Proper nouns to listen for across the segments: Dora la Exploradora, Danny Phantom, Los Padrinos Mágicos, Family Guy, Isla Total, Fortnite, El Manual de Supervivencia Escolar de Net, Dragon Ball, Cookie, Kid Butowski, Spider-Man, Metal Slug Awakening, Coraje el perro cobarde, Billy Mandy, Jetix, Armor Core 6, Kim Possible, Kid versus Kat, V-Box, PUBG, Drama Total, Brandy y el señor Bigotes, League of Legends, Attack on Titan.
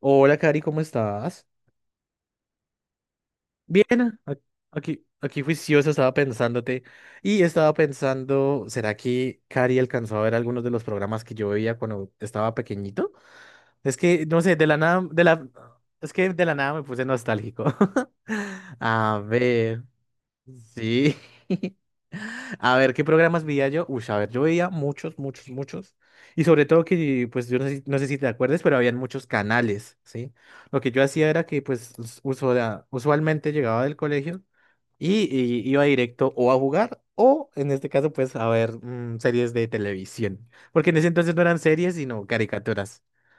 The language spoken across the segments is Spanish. Hola, Cari, ¿cómo estás? Bien, a- aquí juiciosa estaba pensándote y estaba pensando, ¿será que Cari alcanzó a ver algunos de los programas que yo veía cuando estaba pequeñito? Es que, no sé, de la nada, es que de la nada me puse nostálgico. A ver. Sí. A ver, ¿qué programas veía yo? Uy, a ver, yo veía muchos, muchos, muchos. Y sobre todo que, pues, yo no sé si te acuerdas, pero habían muchos canales, ¿sí? Lo que yo hacía era que, pues, usualmente llegaba del colegio y iba directo o a jugar o, en este caso, pues, a ver series de televisión. Porque en ese entonces no eran series, sino caricaturas.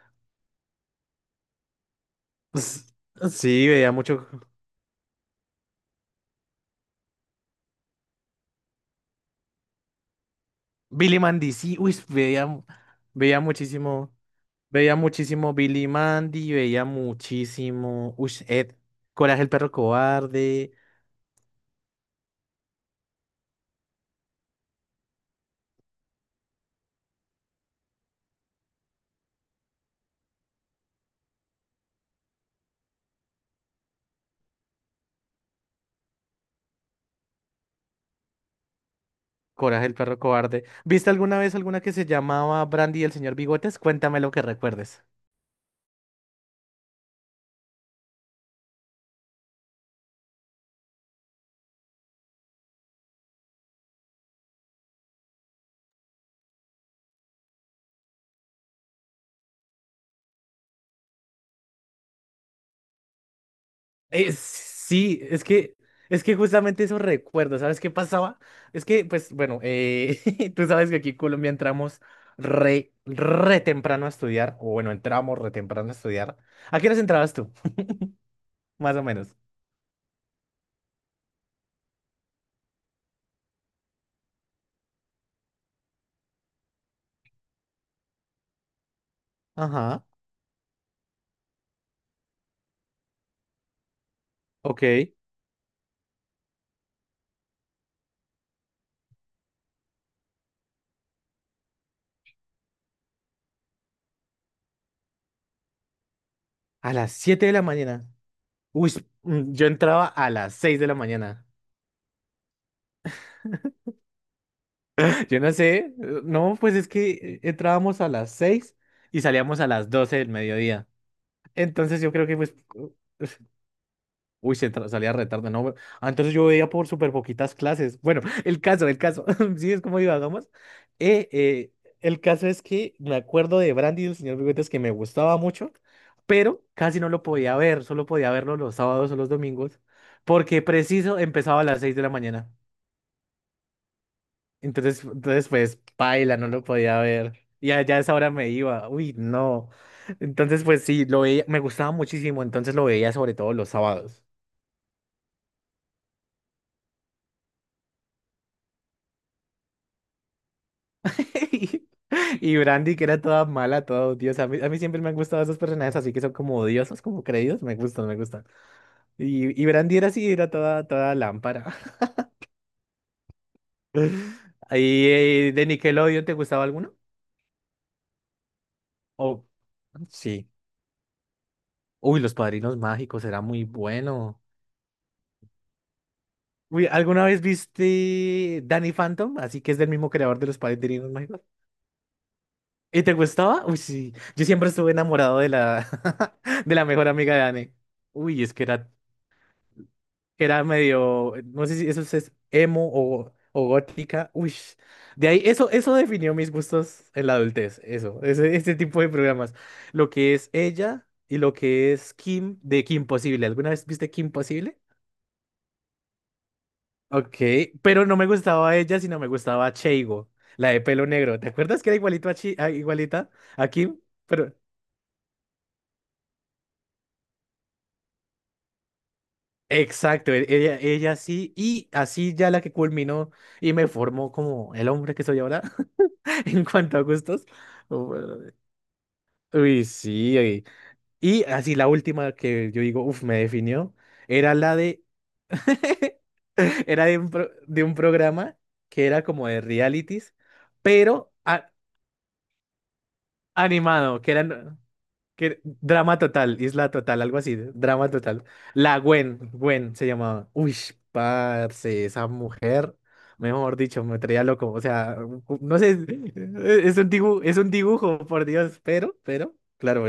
Pues, sí, veía mucho. Billy Mandy, sí, uy, veía muchísimo. Veía muchísimo Billy Mandy, veía muchísimo. Uy, Ed, Coraje el perro cobarde. Coraje el perro cobarde. ¿Viste alguna vez alguna que se llamaba Brandy y el señor Bigotes? Cuéntame lo que recuerdes. Sí, es que justamente eso recuerdo. ¿Sabes qué pasaba? Es que, pues, bueno, tú sabes que aquí en Colombia entramos re temprano a estudiar, o bueno, entramos re temprano a estudiar. ¿A qué horas entrabas tú? Más o menos. Ajá, ok. A las siete de la mañana. Uy, yo entraba a las 6 de la mañana. Yo no sé, no, pues es que entrábamos a las 6 y salíamos a las 12 del mediodía. Entonces yo creo que pues. Uy, salía retardo, no. Ah, entonces yo veía por súper poquitas clases. Bueno, el caso, el caso. Sí, es como divagamos. Eh, eh, el caso es que me acuerdo de Brandy y el señor Bigotes que me gustaba mucho, pero casi no lo podía ver. Solo podía verlo los sábados o los domingos, porque preciso empezaba a las 6 de la mañana. Entonces pues, paila, no lo podía ver. Y allá a esa hora me iba. Uy, no. Entonces, pues sí, lo veía, me gustaba muchísimo. Entonces lo veía sobre todo los sábados. Y y Brandy, que era toda mala, toda odiosa. A mí siempre me han gustado esos personajes así que son como odiosos, como creídos. Me gustan, me gustan. Y Brandy era así, era toda lámpara. ¿Y de Nickelodeon te gustaba alguno? Oh, sí. Uy, Los Padrinos Mágicos era muy bueno. Uy, ¿alguna vez viste Danny Phantom? Así que es del mismo creador de Los Padrinos Mágicos. ¿Y te gustaba? Uy, sí. Yo siempre estuve enamorado de la mejor amiga de Anne. Uy, es que era medio, no sé si eso es emo o gótica. Uy, de ahí, eso definió mis gustos en la adultez, este tipo de programas. Lo que es ella y lo que es Kim de Kim Possible. ¿Alguna vez viste Kim Possible? Ok, pero no me gustaba ella, sino me gustaba Cheigo, la de pelo negro. ¿Te acuerdas que era igualito a igualita a Kim? Pero exacto, ella sí, y así ya la que culminó y me formó como el hombre que soy ahora. En cuanto a gustos. Uy, uy, sí. Y así la última que yo digo, uff, me definió, era la de... Era de un programa que era como de realities, pero animado, que eran... drama total, isla total, algo así, drama total. La Gwen se llamaba. Uy, parce, esa mujer, mejor dicho, me traía loco. O sea, no sé, es un dibujo, es un dibujo, por Dios, pero, claro,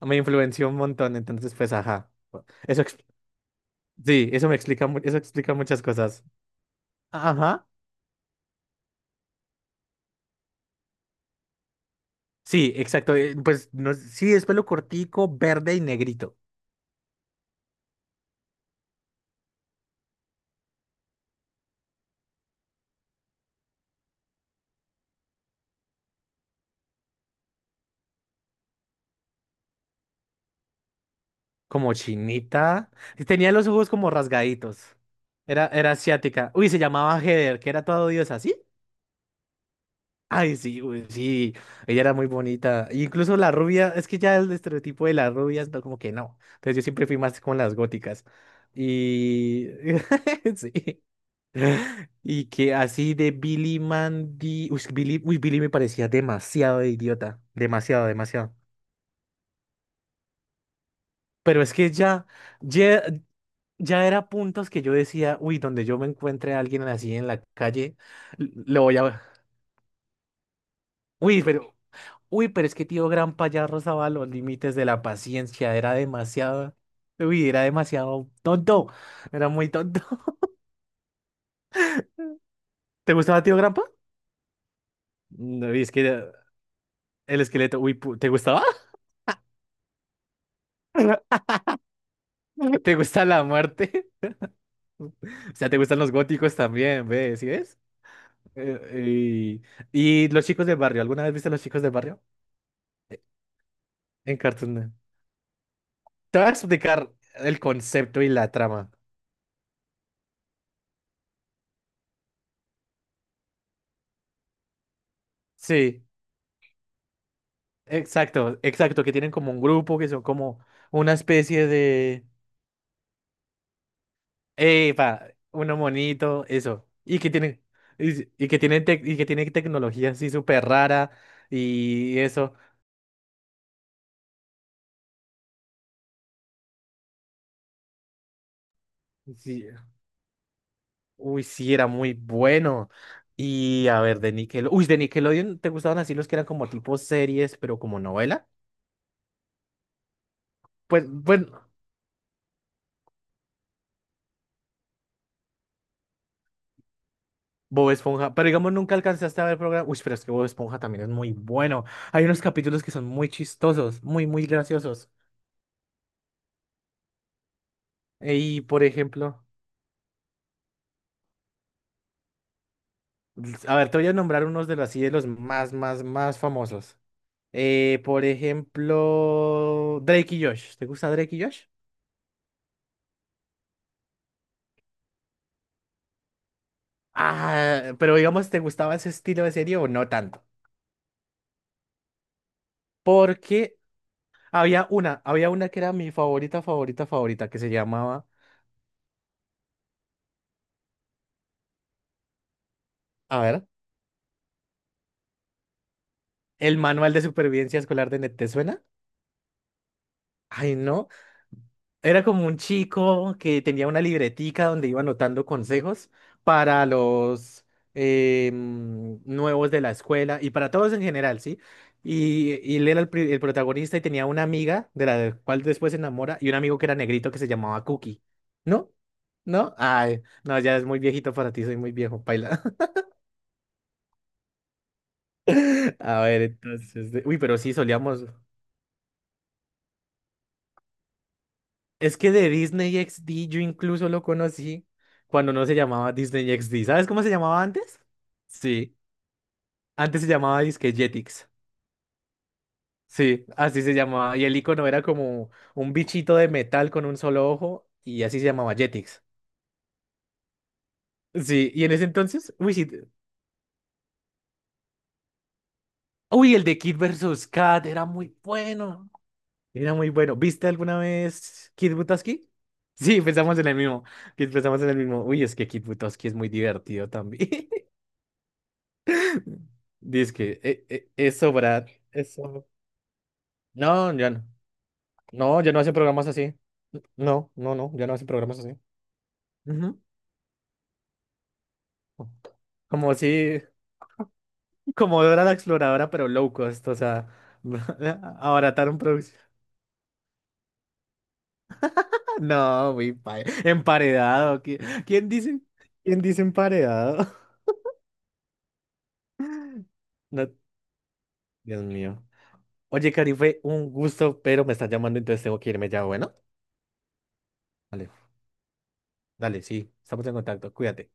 me influenció un montón, entonces, pues, ajá. Eso, sí, eso me explica, eso explica muchas cosas. Ajá. Sí, exacto. Pues no, sí, es pelo cortico, verde y negrito. Como chinita. Y tenía los ojos como rasgaditos. Era asiática. Uy, se llamaba Heather, que era toda odiosa, ¿sí? Ay, sí, uy, sí. Ella era muy bonita. E incluso la rubia, es que ya el estereotipo de las rubias, no, como que no. Entonces yo siempre fui más con las góticas. Y. Sí. Y que así de Billy Mandy. Uy, Billy me parecía demasiado idiota. Demasiado, demasiado. Pero es que ya era puntos que yo decía, uy, donde yo me encuentre a alguien así en la calle, le voy a... Uy, pero es que tío Gran ya rozaba los límites de la paciencia, era demasiado tonto, era muy tonto. ¿Te gustaba tío Grampa? No, y es que era el esqueleto, uy, ¿te gustaba? ¿Te gusta la muerte? O sea, ¿te gustan los góticos también, ves? ¿Sí ves? Eh, y los chicos del barrio, ¿alguna vez viste a los chicos del barrio? En Cartoon Network. Te voy a explicar el concepto y la trama. Sí, exacto, exacto, que tienen como un grupo, que son como una especie de... ¡Epa! Uno monito, eso. Y que tienen, y que tienen tecnología así súper rara y eso. Sí. Uy, sí, era muy bueno. Y a ver, de Nickelodeon... Uy, de Nickelodeon, ¿te gustaban así los que eran como tipo series, pero como novela? Pues, bueno. Bob Esponja, pero digamos nunca alcanzaste a ver programa. Uy, pero es que Bob Esponja también es muy bueno. Hay unos capítulos que son muy chistosos, muy, muy graciosos. Y por ejemplo, a ver, te voy a nombrar unos de los más, más, más famosos. Por ejemplo, Drake y Josh. ¿Te gusta Drake y Josh? Ah, pero digamos, ¿te gustaba ese estilo de serie o no tanto? Porque había una que era mi favorita, favorita, favorita, que se llamaba, a ver, El Manual de Supervivencia Escolar de Net. Ay, no. Era como un chico que tenía una libretica donde iba anotando consejos para los nuevos de la escuela y para todos en general, ¿sí? Y él era el protagonista y tenía una amiga de la cual después se enamora y un amigo que era negrito que se llamaba Cookie. ¿No? ¿No? Ay, no, ya es muy viejito para ti, soy muy viejo, paila. A ver, entonces. Uy, pero sí, solíamos. Es que de Disney XD yo incluso lo conocí cuando no se llamaba Disney XD. ¿Sabes cómo se llamaba antes? Sí. Antes se llamaba disque Jetix. Sí, así se llamaba. Y el icono era como un bichito de metal con un solo ojo y así se llamaba Jetix. Sí, y en ese entonces, uy, sí, uy, el de Kid versus Kat era muy bueno. Era muy bueno. ¿Viste alguna vez Kid Butowski? Sí, pensamos en el mismo. Pensamos en el mismo. Uy, es que Kid Butowski es muy divertido también. Dice que eso, Brad, eso. No, ya no. No, ya no hacen programas así. No, no, no, ya no hacen programas así. Ujú. Como si, como Dora la Exploradora, pero low cost, o sea, abarataron producción. No, emparedado. ¿Quién dice? ¿Quién dice emparedado? No, Dios mío. Oye, Cari, fue un gusto, pero me están llamando, entonces tengo que irme ya, bueno. Dale, dale, sí, estamos en contacto, cuídate.